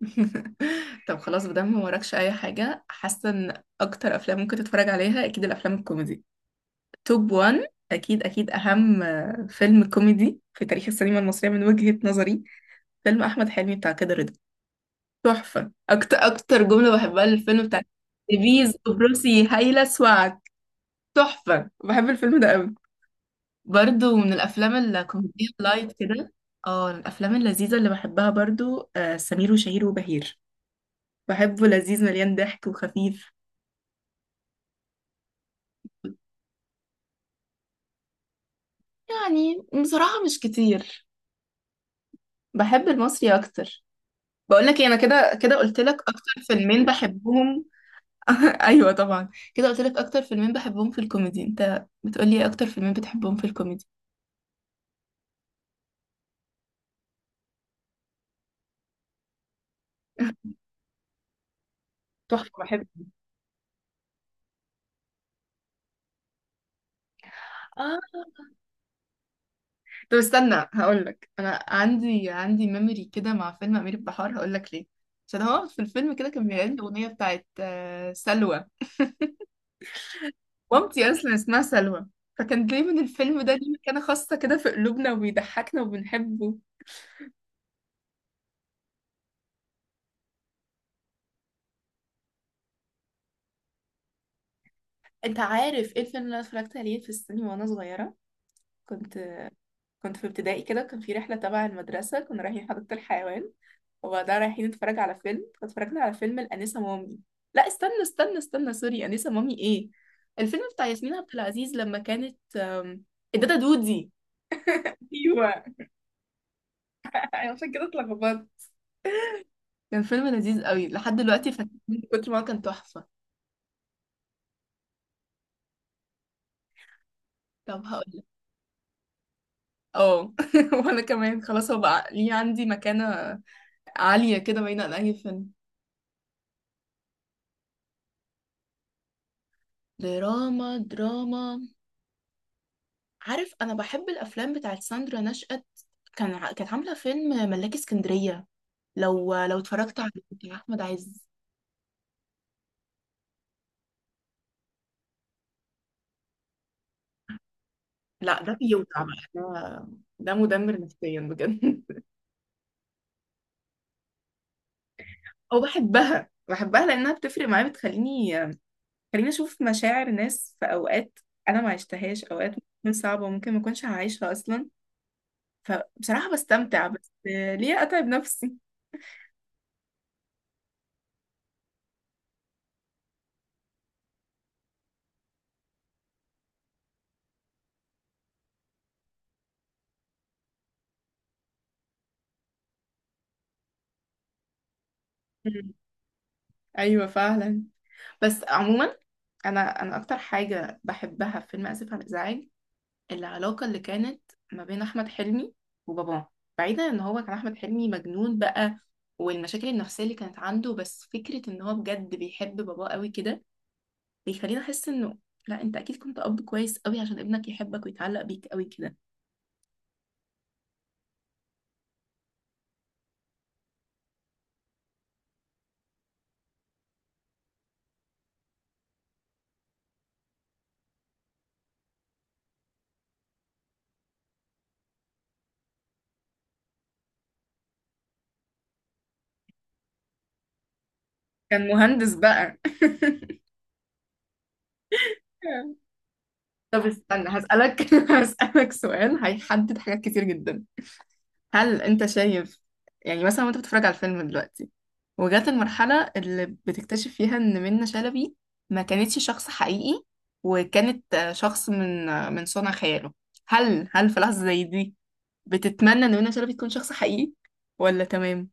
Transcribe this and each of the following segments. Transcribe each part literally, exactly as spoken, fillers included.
طب خلاص مادام ما وراكش اي حاجه، حاسه ان اكتر افلام ممكن تتفرج عليها اكيد الافلام الكوميدي. توب وان اكيد اكيد اهم آه، فيلم كوميدي في تاريخ السينما المصريه من وجهه نظري، فيلم احمد حلمي بتاع كده رضا. تحفه. اكتر اكتر جمله بحبها للفيلم بتاع ديفيز قبرصي هايله سواك. تحفه، بحب الفيلم ده قوي. برضو من الافلام الكوميديه اللايت كده. اه، الافلام اللذيذه اللي بحبها برضو، آه، سمير وشهير وبهير. بحبه، لذيذ مليان ضحك وخفيف. يعني بصراحة مش كتير، بحب المصري أكتر. بقول لك إيه، أنا كده كده قلت لك أكتر فيلمين بحبهم. أيوة طبعا كده قلت لك أكتر فيلمين بحبهم في الكوميدي. أنت بتقولي إيه أكتر فيلمين بتحبهم في الكوميدي؟ تحفة بحب. آه. طب استنى هقول لك، أنا عندي عندي ميموري كده مع فيلم أمير البحار، هقول لك ليه. عشان هو في الفيلم كده كان بيغني الأغنية بتاعت آه، سلوى، مامتي اصلا اسمها سلوى. فكان دايما الفيلم ده ليه مكانة خاصة كده في قلوبنا وبيضحكنا وبنحبه. انت عارف ايه الفيلم اللي انا اتفرجت عليه في السينما وانا صغيره؟ كنت، كنت في ابتدائي كده، كان في رحله تبع المدرسه، كنا رايحين حديقه الحيوان وبعدها رايحين نتفرج على فيلم، فاتفرجنا على فيلم الانسه مامي. لا استنى استنى استنى، سوري. انسه مامي ايه، الفيلم بتاع ياسمين عبد العزيز لما كانت أم، الدادا دودي. ايوه. عشان كده اتلخبطت. كان فيلم لذيذ قوي، لحد دلوقتي فاكرين من كتر ما هو كان تحفة. طب هقولك. اه. وانا كمان خلاص، هو بقى ليه عندي مكانة عالية كده بعيدة عن اي فيلم. دراما، دراما. عارف، انا بحب الافلام بتاعت ساندرا نشأت. كان ع- كانت عاملة فيلم ملاكي اسكندرية، لو لو اتفرجت عليه، بتاع احمد عز. لا، ده بيوجع بقى ده، ده مدمر نفسيا بجد. او بحبها، بحبها لانها بتفرق معايا، بتخليني بتخليني اشوف مشاعر ناس في اوقات انا ما عشتهاش، اوقات ممكن صعبة وممكن ما اكونش هعيشها اصلا. بصراحة بستمتع، بس ليه أتعب نفسي. مم. أيوة فعلا. بس عموما، أنا أنا أكتر حاجة بحبها في فيلم آسف على الإزعاج، العلاقة اللي كانت ما بين أحمد حلمي وباباه. بعيدا إن هو كان أحمد حلمي مجنون بقى، والمشاكل النفسية اللي كانت عنده، بس فكرة إن هو بجد بيحب باباه قوي كده، بيخليني أحس إنه لا، أنت أكيد كنت أب كويس قوي عشان ابنك يحبك ويتعلق بيك قوي كده. كان مهندس بقى. طب استنى هسألك، هسألك سؤال هيحدد حاجات كتير جدا. هل انت شايف، يعني مثلا وانت بتتفرج على الفيلم دلوقتي وجات المرحلة اللي بتكتشف فيها ان منة شلبي ما كانتش شخص حقيقي، وكانت آه، شخص من آه، من صنع خياله، هل هل في لحظة زي دي بتتمنى ان منة شلبي تكون شخص حقيقي ولا تمام؟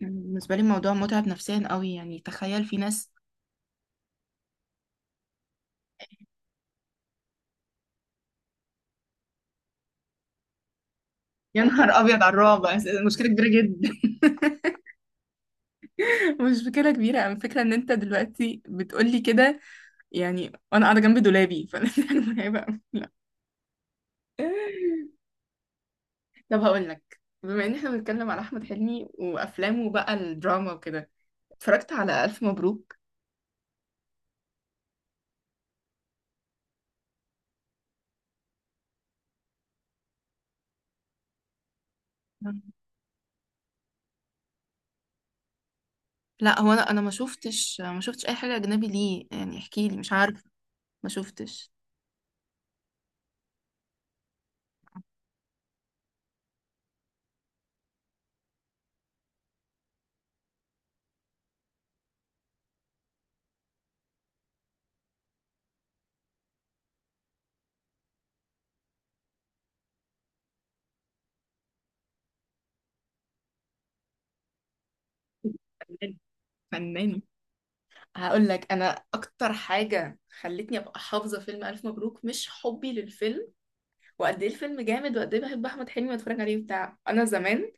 بالنسبة لي الموضوع متعب نفسيا قوي، يعني تخيل في ناس. يا نهار ابيض على الرعب. أس- مشكلة كبيرة جدا، مش مشكلة كبيرة. أنا الفكرة إن أنت دلوقتي بتقولي كده يعني، وأنا قاعدة جنب دولابي، فأنا حاجة مرعبة أوي. لا. طب هقول لك، بما إن إحنا بنتكلم على أحمد حلمي وأفلامه بقى، الدراما وكده، اتفرجت على ألف مبروك؟ لا، هو انا انا ما شفتش ما شفتش اي حاجه اجنبي، ليه يعني احكي لي، مش عارفه، ما شفتش. فنان، فنان. هقول لك أنا أكتر حاجة خلتني أبقى حافظة فيلم ألف مبروك، مش حبي للفيلم وقد ايه الفيلم جامد وقد ايه بحب احمد حلمي واتفرج عليه بتاع، انا زمان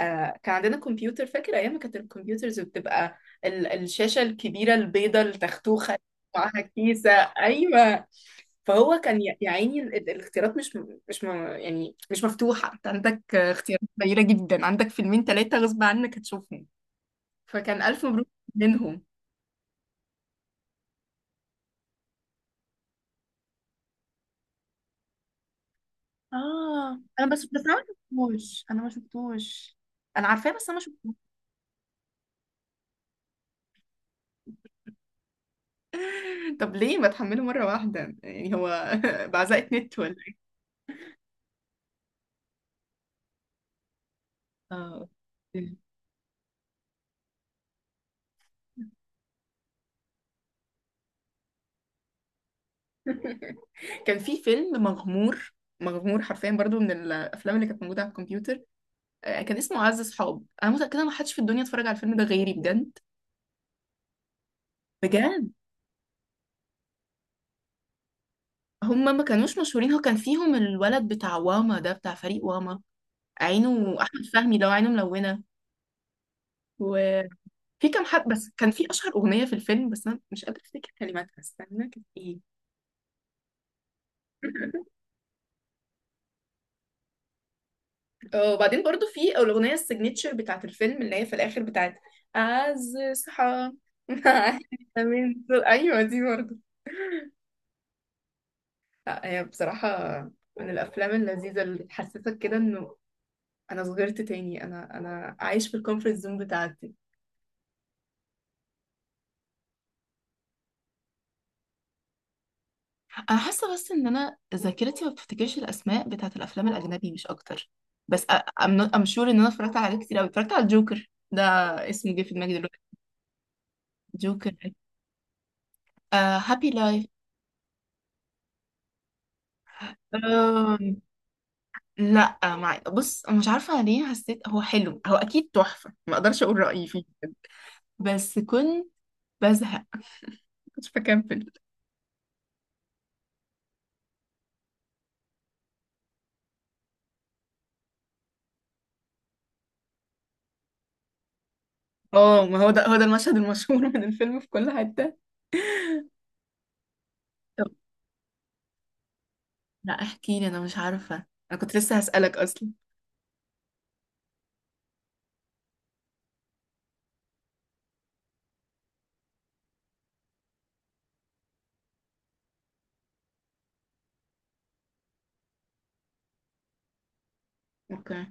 آه كان عندنا كمبيوتر، فاكر ايام ما كانت الكمبيوترز بتبقى ال الشاشه الكبيره البيضه التختوخه معاها كيسه. ايوه. فهو كان يا يا عيني، ال- ال- الاختيارات مش م- مش م- يعني مش مفتوحه، انت عندك آه، اختيارات قليله جدا، عندك فيلمين ثلاثه غصب عنك هتشوفهم، فكان الف مبروك منهم. اه انا بس بس انا ما شفتوش، انا ما شفتوش. انا عارفاه بس انا ما شفتوش. طب ليه ما تحمله مرة واحدة يعني هو بعزقة نت ولا إيه؟ اه. أوكي. إيه؟ كان في فيلم مغمور، مغمور حرفيا، برضو من الافلام اللي كانت موجوده على الكمبيوتر. آه، كان اسمه عز صحاب. انا متاكده ما حدش في الدنيا اتفرج على الفيلم ده غيري، بجد بجد. هم ما كانوش مشهورين، هو كان فيهم الولد بتاع واما ده، بتاع فريق واما، عينه احمد فهمي لو عينه ملونه، وفي كام حد بس. كان في اشهر اغنيه في الفيلم بس انا مش قادره افتكر كلماتها، استنى كانت ايه. آه، وبعدين برضو في الأغنية السيجنتشر بتاعت الفيلم، اللي هي في الآخر بتاعت أعز صحاب معاك من دول- أيوة دي برضو. لا هي بصراحة من الأفلام اللذيذة اللي تحسسك كده إنه أنا صغرت تاني، أنا أنا عايش في الكومفورت زون بتاعتي. انا حاسه بس ان انا ذاكرتي ما بتفتكرش الاسماء بتاعه الافلام الاجنبي، مش اكتر. بس ام ام شور ان انا اتفرجت على حاجات كتير قوي. اتفرجت على الجوكر، ده اسمه جه في دماغي دلوقتي، جوكر. آه، هابي لايف. لا مع، بص مش عارفة ليه حسيت، هو حلو هو أكيد تحفة، ما أقدرش أقول رأيي فيه، بس كنت بزهق، كنت بكمل. اه ما هو ده هو ده المشهد المشهور من الفيلم في كل حتة. طب لا احكي لي، أنا مش عارفة، أنا كنت لسه هسألك أصلا. أوكي.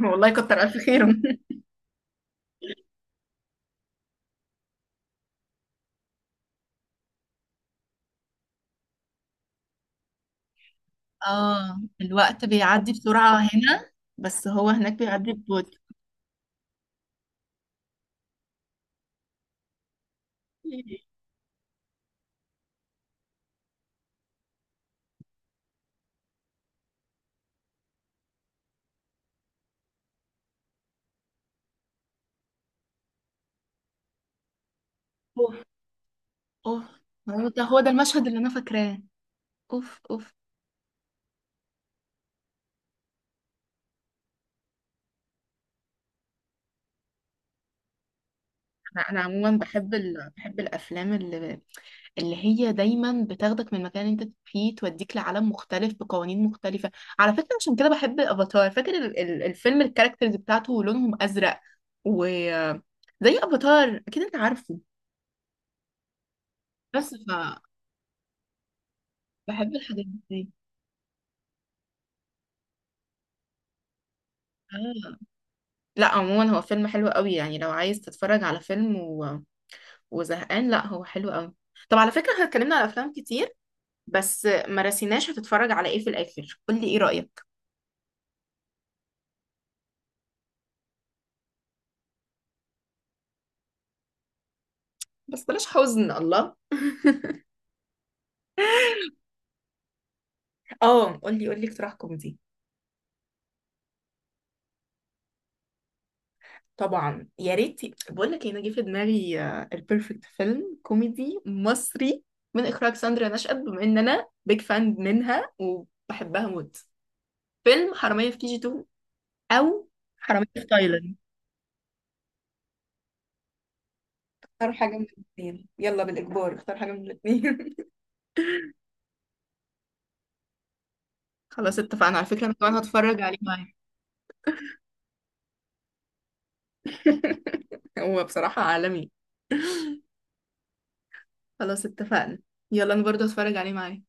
والله كتر ألف خير. اه الوقت بيعدي بسرعة هنا بس هو هناك بيعدي ببطء. اوف، اوف. هو ده هو ده المشهد اللي أنا فاكراه. اوف، اوف. لا انا عموما بحب، ال... بحب الافلام اللي، اللي هي دايما بتاخدك من مكان انت فيه توديك لعالم مختلف بقوانين مختلفه. على فكره عشان كده بحب الافاتار، فاكر ال... ال- الفيلم الكاركترز بتاعته لونهم ازرق، و زي افاتار اكيد انت عارفه. بس ف، بحب الحاجات دي. آه. لا عموما هو فيلم حلو قوي، يعني لو عايز تتفرج على فيلم و... وزهقان، لا هو حلو قوي. طب على فكره احنا اتكلمنا على افلام كتير، بس ما رسيناش هتتفرج على ايه في الاخر، قول لي ايه رايك. بس بلاش حزن الله. اه قولي قولي، اقتراح كوميدي. طبعا يا ريت. بقول لك إيه، انا جه في دماغي البيرفكت فيلم كوميدي مصري، من اخراج ساندرا نشأت بما ان انا بيج فان منها وبحبها موت، فيلم حرامية في كي جي تو، او حرامية في تايلاند. اختار حاجة من الاثنين، يلا بالإجبار اختار حاجة من الاثنين. خلاص اتفقنا، على فكرة انا كمان هتفرج عليه معايا. هو بصراحة عالمي. خلاص اتفقنا، يلا انا برضه هتفرج عليه معايا.